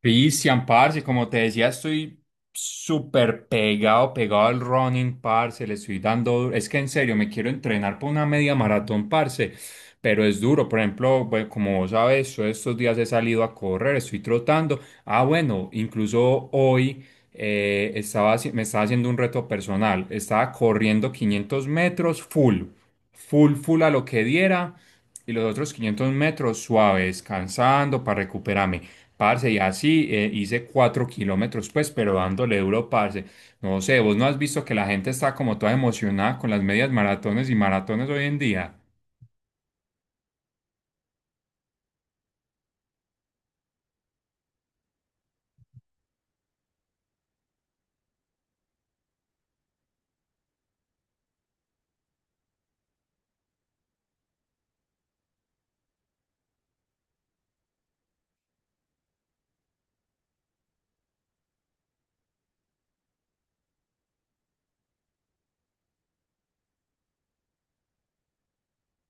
Cristian, parce, como te decía, estoy súper pegado, pegado al running, parce, le estoy dando, es que en serio, me quiero entrenar por una media maratón, parce, pero es duro, por ejemplo, bueno, como vos sabes, yo estos días he salido a correr, estoy trotando, ah, bueno, incluso hoy estaba, me estaba haciendo un reto personal, estaba corriendo 500 m full, full, full a lo que diera, y los otros 500 m suaves, descansando para recuperarme. Parce, y así hice 4 km, pues, pero dándole duro, parce. No sé, vos no has visto que la gente está como toda emocionada con las medias maratones y maratones hoy en día.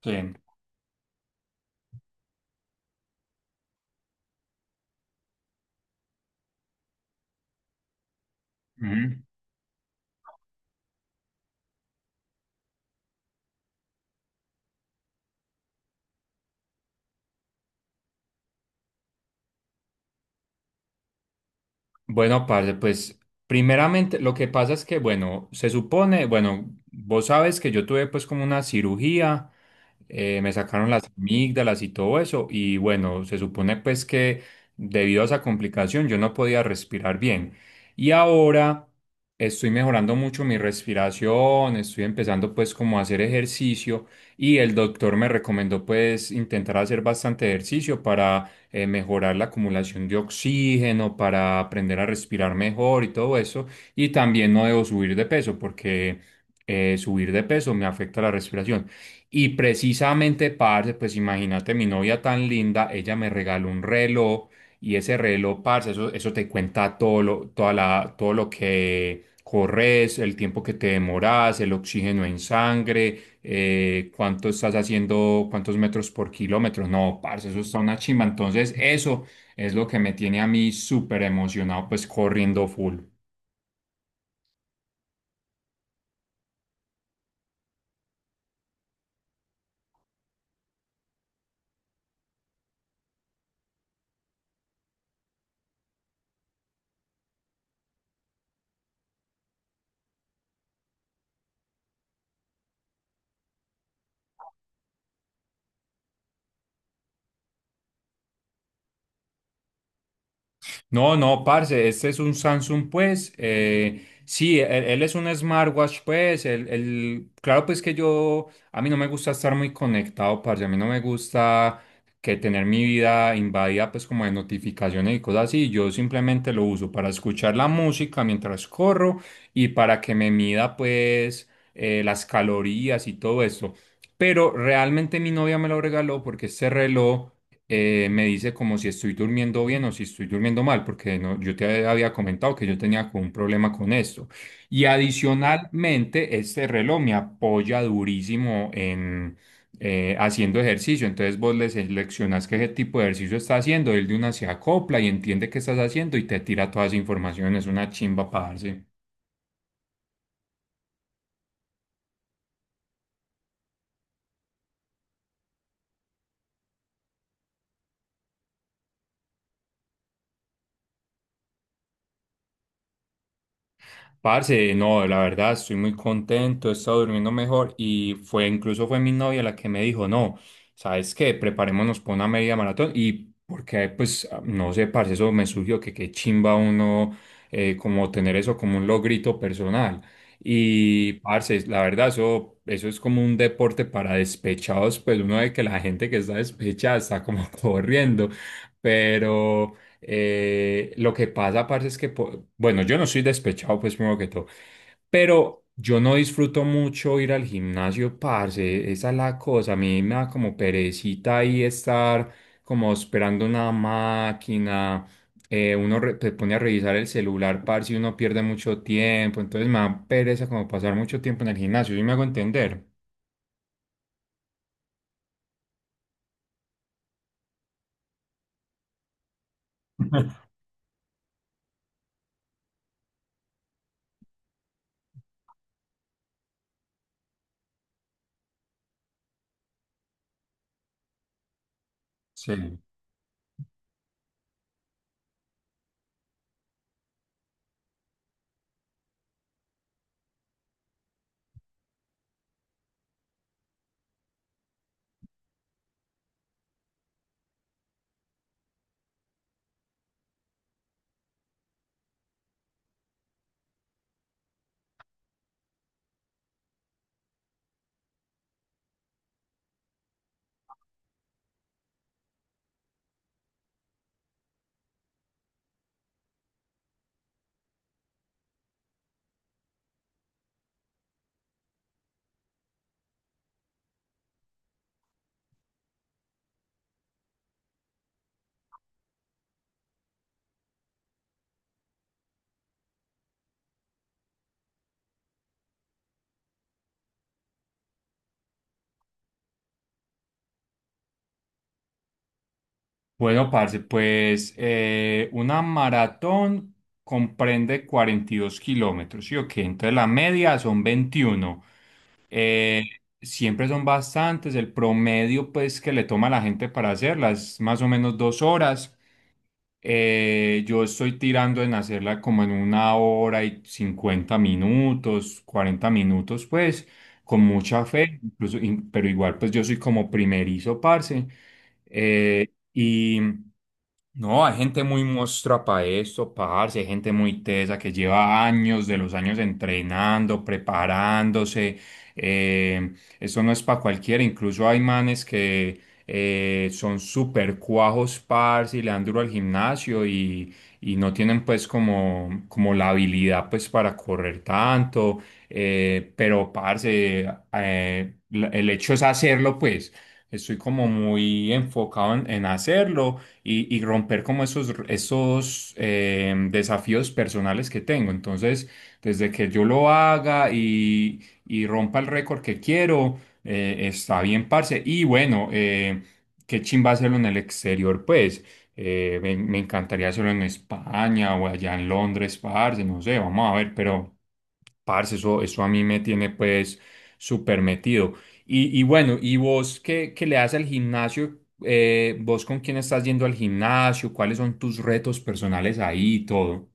Sí. Ujú. Bueno, parce, pues primeramente lo que pasa es que, bueno, se supone, bueno, vos sabes que yo tuve pues como una cirugía me sacaron las amígdalas y todo eso y bueno, se supone pues que debido a esa complicación yo no podía respirar bien. Y ahora estoy mejorando mucho mi respiración, estoy empezando pues como a hacer ejercicio y el doctor me recomendó pues intentar hacer bastante ejercicio para mejorar la acumulación de oxígeno, para aprender a respirar mejor y todo eso. Y también no debo subir de peso porque subir de peso me afecta la respiración. Y precisamente, parce, pues imagínate, mi novia tan linda, ella me regaló un reloj y ese reloj, parce, eso te cuenta todo lo, toda la, todo lo que corres, el tiempo que te demoras, el oxígeno en sangre, cuánto estás haciendo, cuántos metros por kilómetro. No, parce, eso está una chimba. Entonces, eso es lo que me tiene a mí súper emocionado, pues corriendo full. No, no, parce, este es un Samsung, pues. Sí, él es un smartwatch, pues. Claro, pues que yo, a mí no me gusta estar muy conectado, parce. A mí no me gusta que tener mi vida invadida, pues, como de notificaciones y cosas así. Yo simplemente lo uso para escuchar la música mientras corro y para que me mida, pues, las calorías y todo esto. Pero realmente mi novia me lo regaló porque este reloj me dice como si estoy durmiendo bien o si estoy durmiendo mal, porque no, yo te había comentado que yo tenía como un problema con esto. Y adicionalmente, este reloj me apoya durísimo en haciendo ejercicio. Entonces vos le seleccionas qué tipo de ejercicio está haciendo, él de una se acopla y entiende qué estás haciendo y te tira toda esa información. Es una chimba, parce. Parce, no, la verdad estoy muy contento, he estado durmiendo mejor y fue incluso fue mi novia la que me dijo, no, ¿sabes qué? Preparémonos para una media maratón y porque pues ah, no sé, parce, eso me surgió que qué chimba uno como tener eso como un logrito personal. Y parce, la verdad eso es como un deporte para despechados, pues uno ve que la gente que está despechada está como corriendo, pero lo que pasa, parce, es que, bueno, yo no soy despechado, pues primero que todo, pero yo no disfruto mucho ir al gimnasio, parce, esa es la cosa, a mí me da como perecita ahí estar como esperando una máquina, se pone a revisar el celular, parce, y uno pierde mucho tiempo, entonces me da pereza como pasar mucho tiempo en el gimnasio, ¿sí me hago entender? Sí. Bueno, parce, pues una maratón comprende 42 km, ¿sí o qué? Entonces la media son 21. Eh, Siempre son bastantes, el promedio pues que le toma a la gente para hacerlas, más o menos 2 horas. Yo estoy tirando en hacerla como en 1 hora y 50 minutos, 40 minutos, pues, con mucha fe, incluso, pero igual, pues yo soy como primerizo, parce. Eh, y no, hay gente muy mostra para esto, parce, hay gente muy tesa que lleva años de los años entrenando, preparándose. eh, Eso no es para cualquiera, incluso hay manes que son súper cuajos, parce, y le dan duro al gimnasio y no tienen pues como, como la habilidad pues para correr tanto, pero parce, el hecho es hacerlo pues. Estoy como muy enfocado en hacerlo y romper como esos, desafíos personales que tengo. Entonces, desde que yo lo haga y rompa el récord que quiero, está bien, parce. Y bueno, qué chimba hacerlo en el exterior, pues. Me encantaría hacerlo en España o allá en Londres, parce. No sé, vamos a ver, pero parce, eso a mí me tiene pues súper metido. Y bueno, ¿y vos qué, le das al gimnasio? ¿Vos con quién estás yendo al gimnasio? ¿Cuáles son tus retos personales ahí y todo?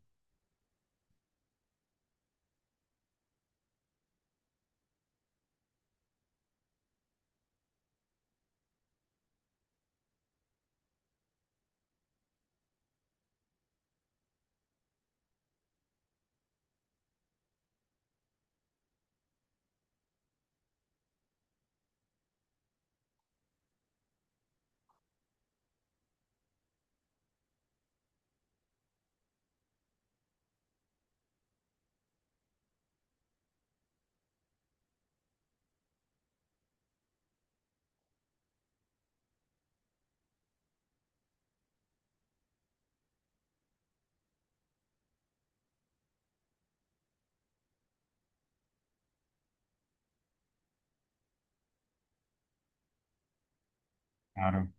Claro.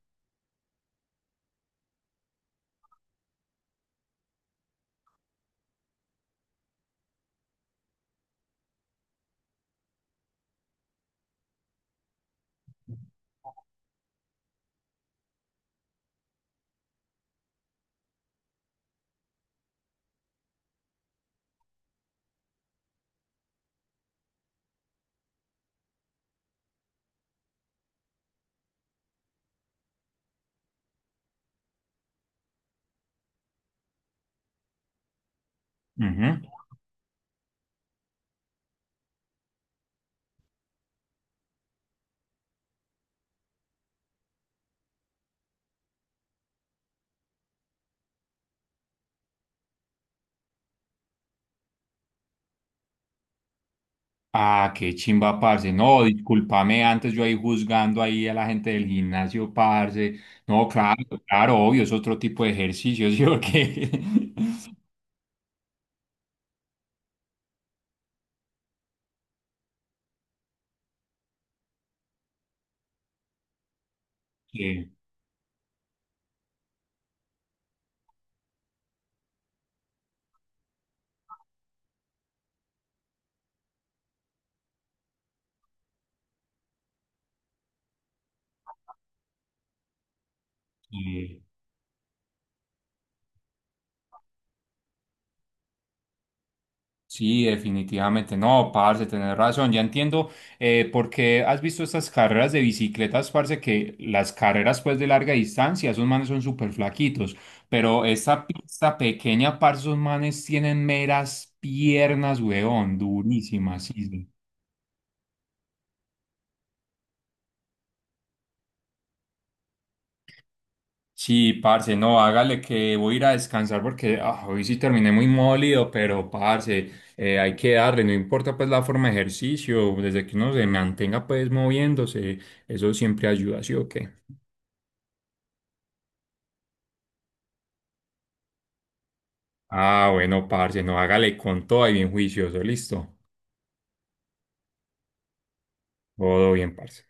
Ujú. Ah, qué chimba, parce. No, discúlpame, antes yo ahí juzgando ahí a la gente del gimnasio, parce. No, claro, claro, obvio, es otro tipo de ejercicio, ¿sí o qué? Que- que- Sí, definitivamente. No, parce, tenés razón. Ya entiendo por qué has visto estas carreras de bicicletas, parce, que las carreras pues de larga distancia, esos manes son súper flaquitos. Pero esta pista pequeña, parce, esos manes tienen meras piernas, weón, durísimas, sí. Sí. Sí, parce, no, hágale que voy a ir a descansar porque ah, hoy sí terminé muy molido, pero parce, hay que darle, no importa pues la forma de ejercicio, desde que uno se mantenga pues moviéndose, eso siempre ayuda, ¿sí o qué? Ah, bueno, parce, no, hágale con todo y bien juicioso, listo. Todo bien, parce.